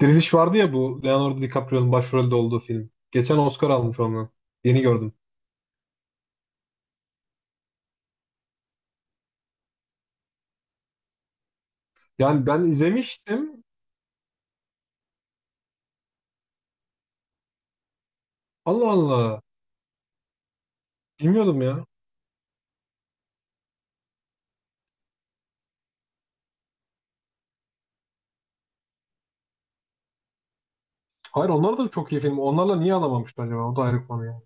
Diriliş vardı ya, bu Leonardo DiCaprio'nun başrolde olduğu film. Geçen Oscar almış onu. Yeni gördüm. Yani ben izlemiştim. Allah Allah. Bilmiyordum ya. Hayır, onlar da çok iyi film. Onlarla niye alamamışlar acaba? O da ayrı konu ya.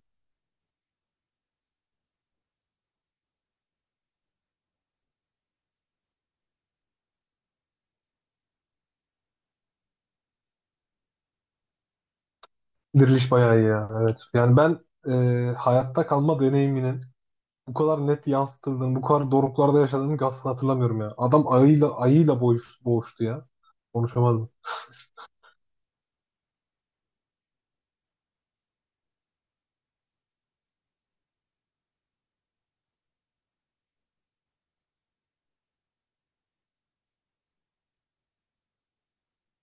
Diriliş bayağı iyi ya. Evet. Yani ben hayatta kalma deneyiminin bu kadar net yansıtıldığını, bu kadar doruklarda yaşadığını asla hatırlamıyorum ya. Adam ayıyla boğuştu ya. Konuşamadım.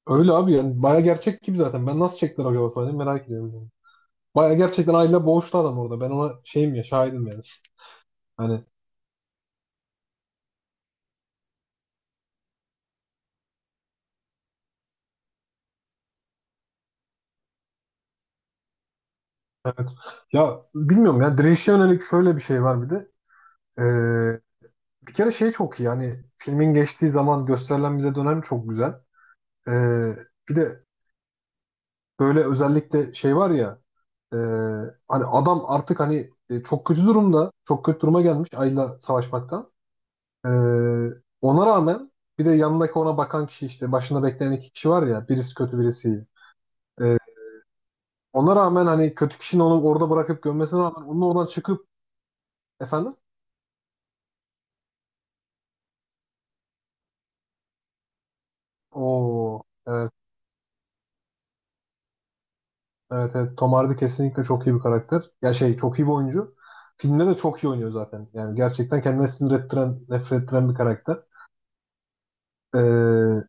Öyle abi, yani bayağı gerçek gibi zaten. Ben nasıl çektiler acaba falan diye merak ediyorum. Baya gerçekten aile boğuştu adam orada. Ben ona şeyim ya, şahidim yani. Hani ya, bilmiyorum ya, direnişe yönelik şöyle bir şey var bir de. Ee, Bir kere şey çok iyi yani, filmin geçtiği zaman gösterilen bize dönem çok güzel. Ee, Bir de böyle özellikle şey var ya, e, hani adam artık hani çok kötü durumda, çok kötü duruma gelmiş Ayla savaşmaktan. Ee, Ona rağmen bir de yanındaki ona bakan kişi, işte başında bekleyen iki kişi var ya, birisi kötü birisi iyi. Ee, Ona rağmen hani kötü kişinin onu orada bırakıp gömmesine rağmen onun oradan çıkıp efendim. Oo, evet, evet Tom Hardy kesinlikle çok iyi bir karakter. Ya şey, çok iyi bir oyuncu. Filmde de çok iyi oynuyor zaten. Yani gerçekten kendine sinir ettiren, nefret ettiren bir karakter. Ee,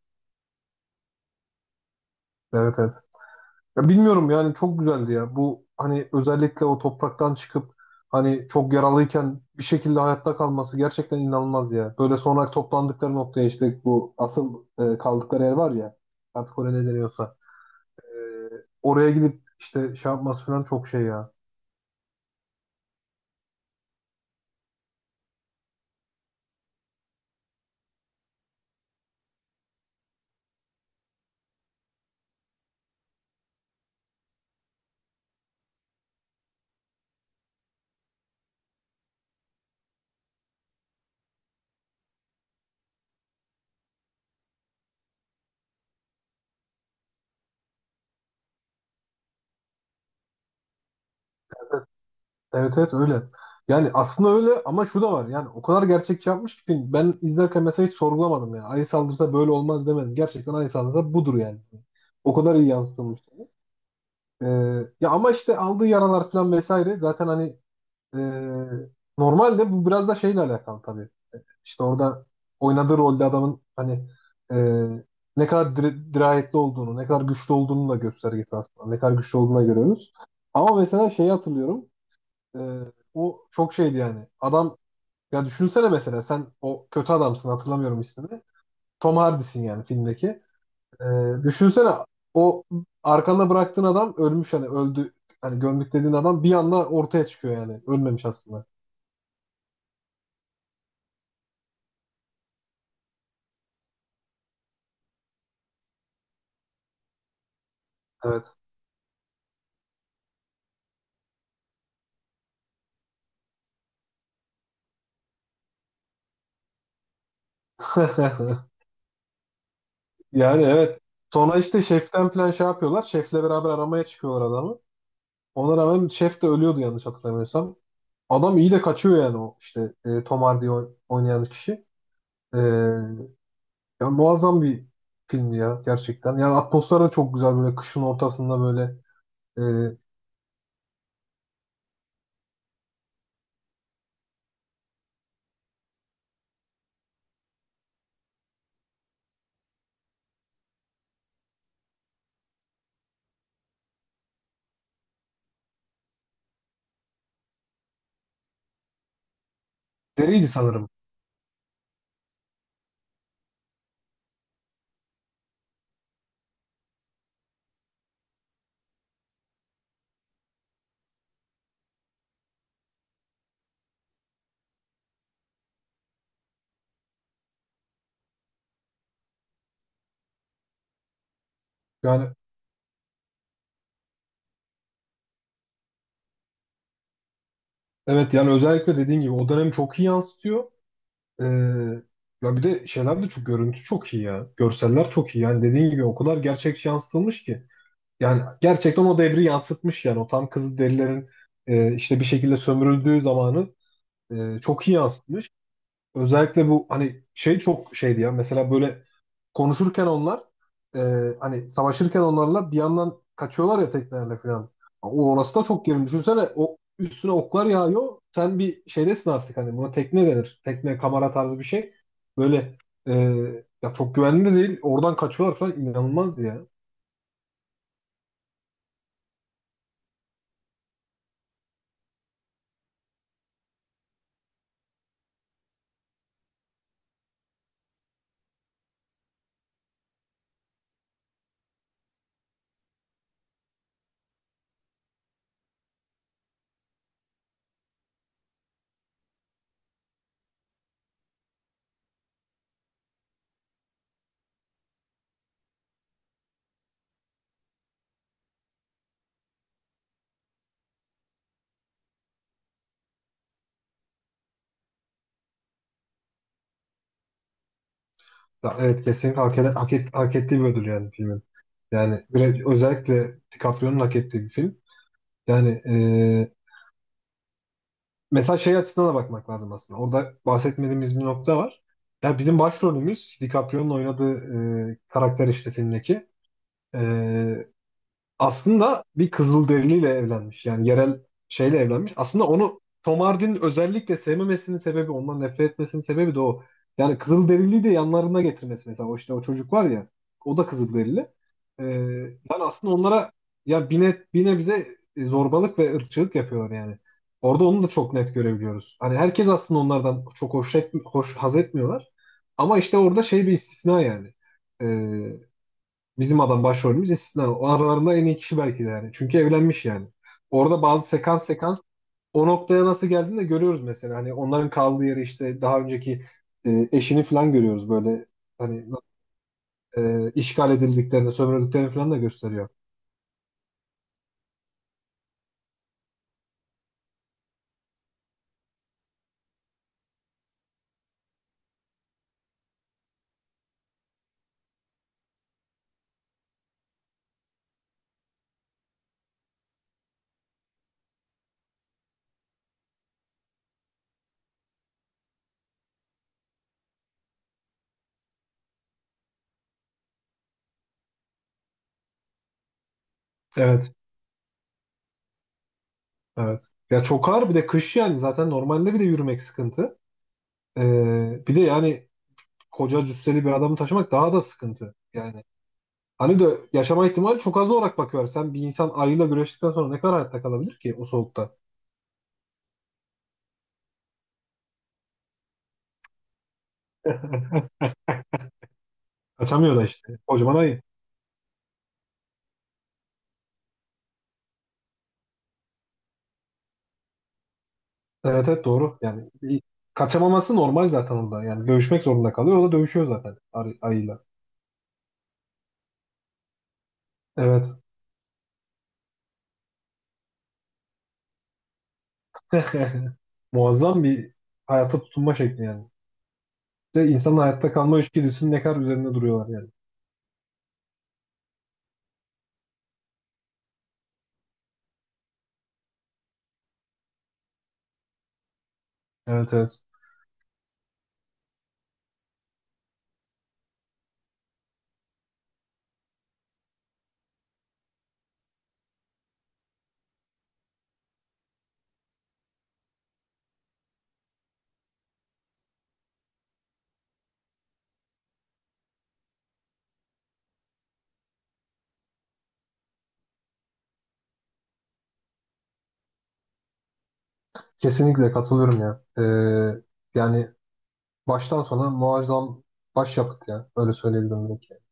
evet, evet. Ya bilmiyorum yani, çok güzeldi ya. Bu hani özellikle o topraktan çıkıp, hani çok yaralıyken bir şekilde hayatta kalması gerçekten inanılmaz ya. Böyle sonra toplandıkları noktaya, işte bu asıl kaldıkları yer var ya. Artık oraya ne deniyorsa, oraya gidip işte şey yapması falan çok şey ya. Evet, evet öyle. Yani aslında öyle, ama şu da var. Yani o kadar gerçekçi yapmış ki film. Ben izlerken mesela hiç sorgulamadım ya. Ayı saldırsa böyle olmaz demedim. Gerçekten ayı saldırsa budur yani. O kadar iyi yansıtılmış. Ee, ya ama işte aldığı yaralar falan vesaire zaten hani e, normalde bu biraz da şeyle alakalı tabii. İşte orada oynadığı rolde adamın hani e, ne kadar dirayetli olduğunu, ne kadar güçlü olduğunu da göstergesi aslında. Ne kadar güçlü olduğunu da görüyoruz. Ama mesela şeyi hatırlıyorum. E, o çok şeydi yani. Adam, ya düşünsene mesela sen o kötü adamsın, hatırlamıyorum ismini. Tom Hardy'sin yani filmdeki. E, düşünsene o arkanda bıraktığın adam ölmüş, hani öldü. Hani gömdük dediğin adam bir anda ortaya çıkıyor yani. Ölmemiş aslında. Evet. Yani evet. Sonra işte şeften plan şey yapıyorlar. Şefle beraber aramaya çıkıyorlar adamı. Ona rağmen şef de ölüyordu yanlış hatırlamıyorsam. Adam iyi de kaçıyor yani, o işte Tom Hardy oynayan kişi. E, ya muazzam bir filmdi ya gerçekten. Yani atmosfer de çok güzel, böyle kışın ortasında böyle e, deriydi sanırım. Yani evet, yani özellikle dediğin gibi o dönemi çok iyi yansıtıyor. E, ya bir de şeyler de çok, görüntü çok iyi ya. Görseller çok iyi. Yani dediğin gibi o kadar gerçekçi yansıtılmış ki. Yani gerçekten o devri yansıtmış yani, o tam Kızılderililerin işte bir şekilde sömürüldüğü zamanı çok iyi yansıtmış. Özellikle bu hani şey çok şeydi ya, mesela böyle konuşurken onlar e, hani savaşırken onlarla bir yandan kaçıyorlar ya teknelerle falan. O orası da çok gerilim. Düşünsene, o üstüne oklar yağıyor. Sen bir şeydesin artık, hani buna tekne denir. Tekne kamera tarzı bir şey. Böyle e, ya çok güvenli de değil. Oradan kaçıyorlar falan, inanılmaz ya. Ya evet, kesinlikle hak, eden- hak, et- hak ettiği bir ödül yani filmin. Yani bir- özellikle DiCaprio'nun hak ettiği bir film. Yani e, mesela şey açısından da bakmak lazım aslında. Orada bahsetmediğimiz bir nokta var. Ya bizim başrolümüz DiCaprio'nun oynadığı karakter işte filmdeki. E, aslında bir Kızılderiliyle evlenmiş. Yani yerel şeyle evlenmiş. Aslında onu Tom Hardy'nin özellikle sevmemesinin sebebi, ondan nefret etmesinin sebebi de o. Yani Kızılderiliyi de yanlarına getirmesi mesela. O işte o çocuk var ya, o da Kızılderili. Ee, yani aslında onlara ya bine bize zorbalık ve ırkçılık yapıyorlar yani. Orada onu da çok net görebiliyoruz. Hani herkes aslında onlardan çok hoş, et, hoş haz etmiyorlar. Ama işte orada şey, bir istisna yani. Ee, Bizim adam başrolümüz istisna. O aralarında en iyi kişi belki de yani. Çünkü evlenmiş yani. Orada bazı sekans o noktaya nasıl geldiğini de görüyoruz mesela. Hani onların kaldığı yeri, işte daha önceki eşini falan görüyoruz böyle. Hani işgal edildiklerini, sömürüldüklerini falan da gösteriyor. Evet, evet. Ya çok ağır bir de kış yani, zaten normalde bile yürümek sıkıntı. E, bir de yani koca cüsseli bir adamı taşımak daha da sıkıntı. Yani hani de yaşama ihtimali çok az olarak bakıyor. Sen bir insan ayıyla güreştikten sonra ne kadar hayatta kalabilir ki o soğukta? Kaçamıyor da işte. Kocaman ayı. Evet, evet, doğru. Yani bir- kaçamaması normal zaten orada. Yani dövüşmek zorunda kalıyor. O da dövüşüyor zaten ayıyla. Evet. Muazzam bir hayata tutunma şekli yani. İşte insanın hayatta kalma içgüdüsünün ne kadar üzerinde duruyorlar yani. Evet, evet. Kesinlikle katılıyorum ya. Yani baştan sona muazzam başyapıt ya. Öyle söyleyebilirim belki.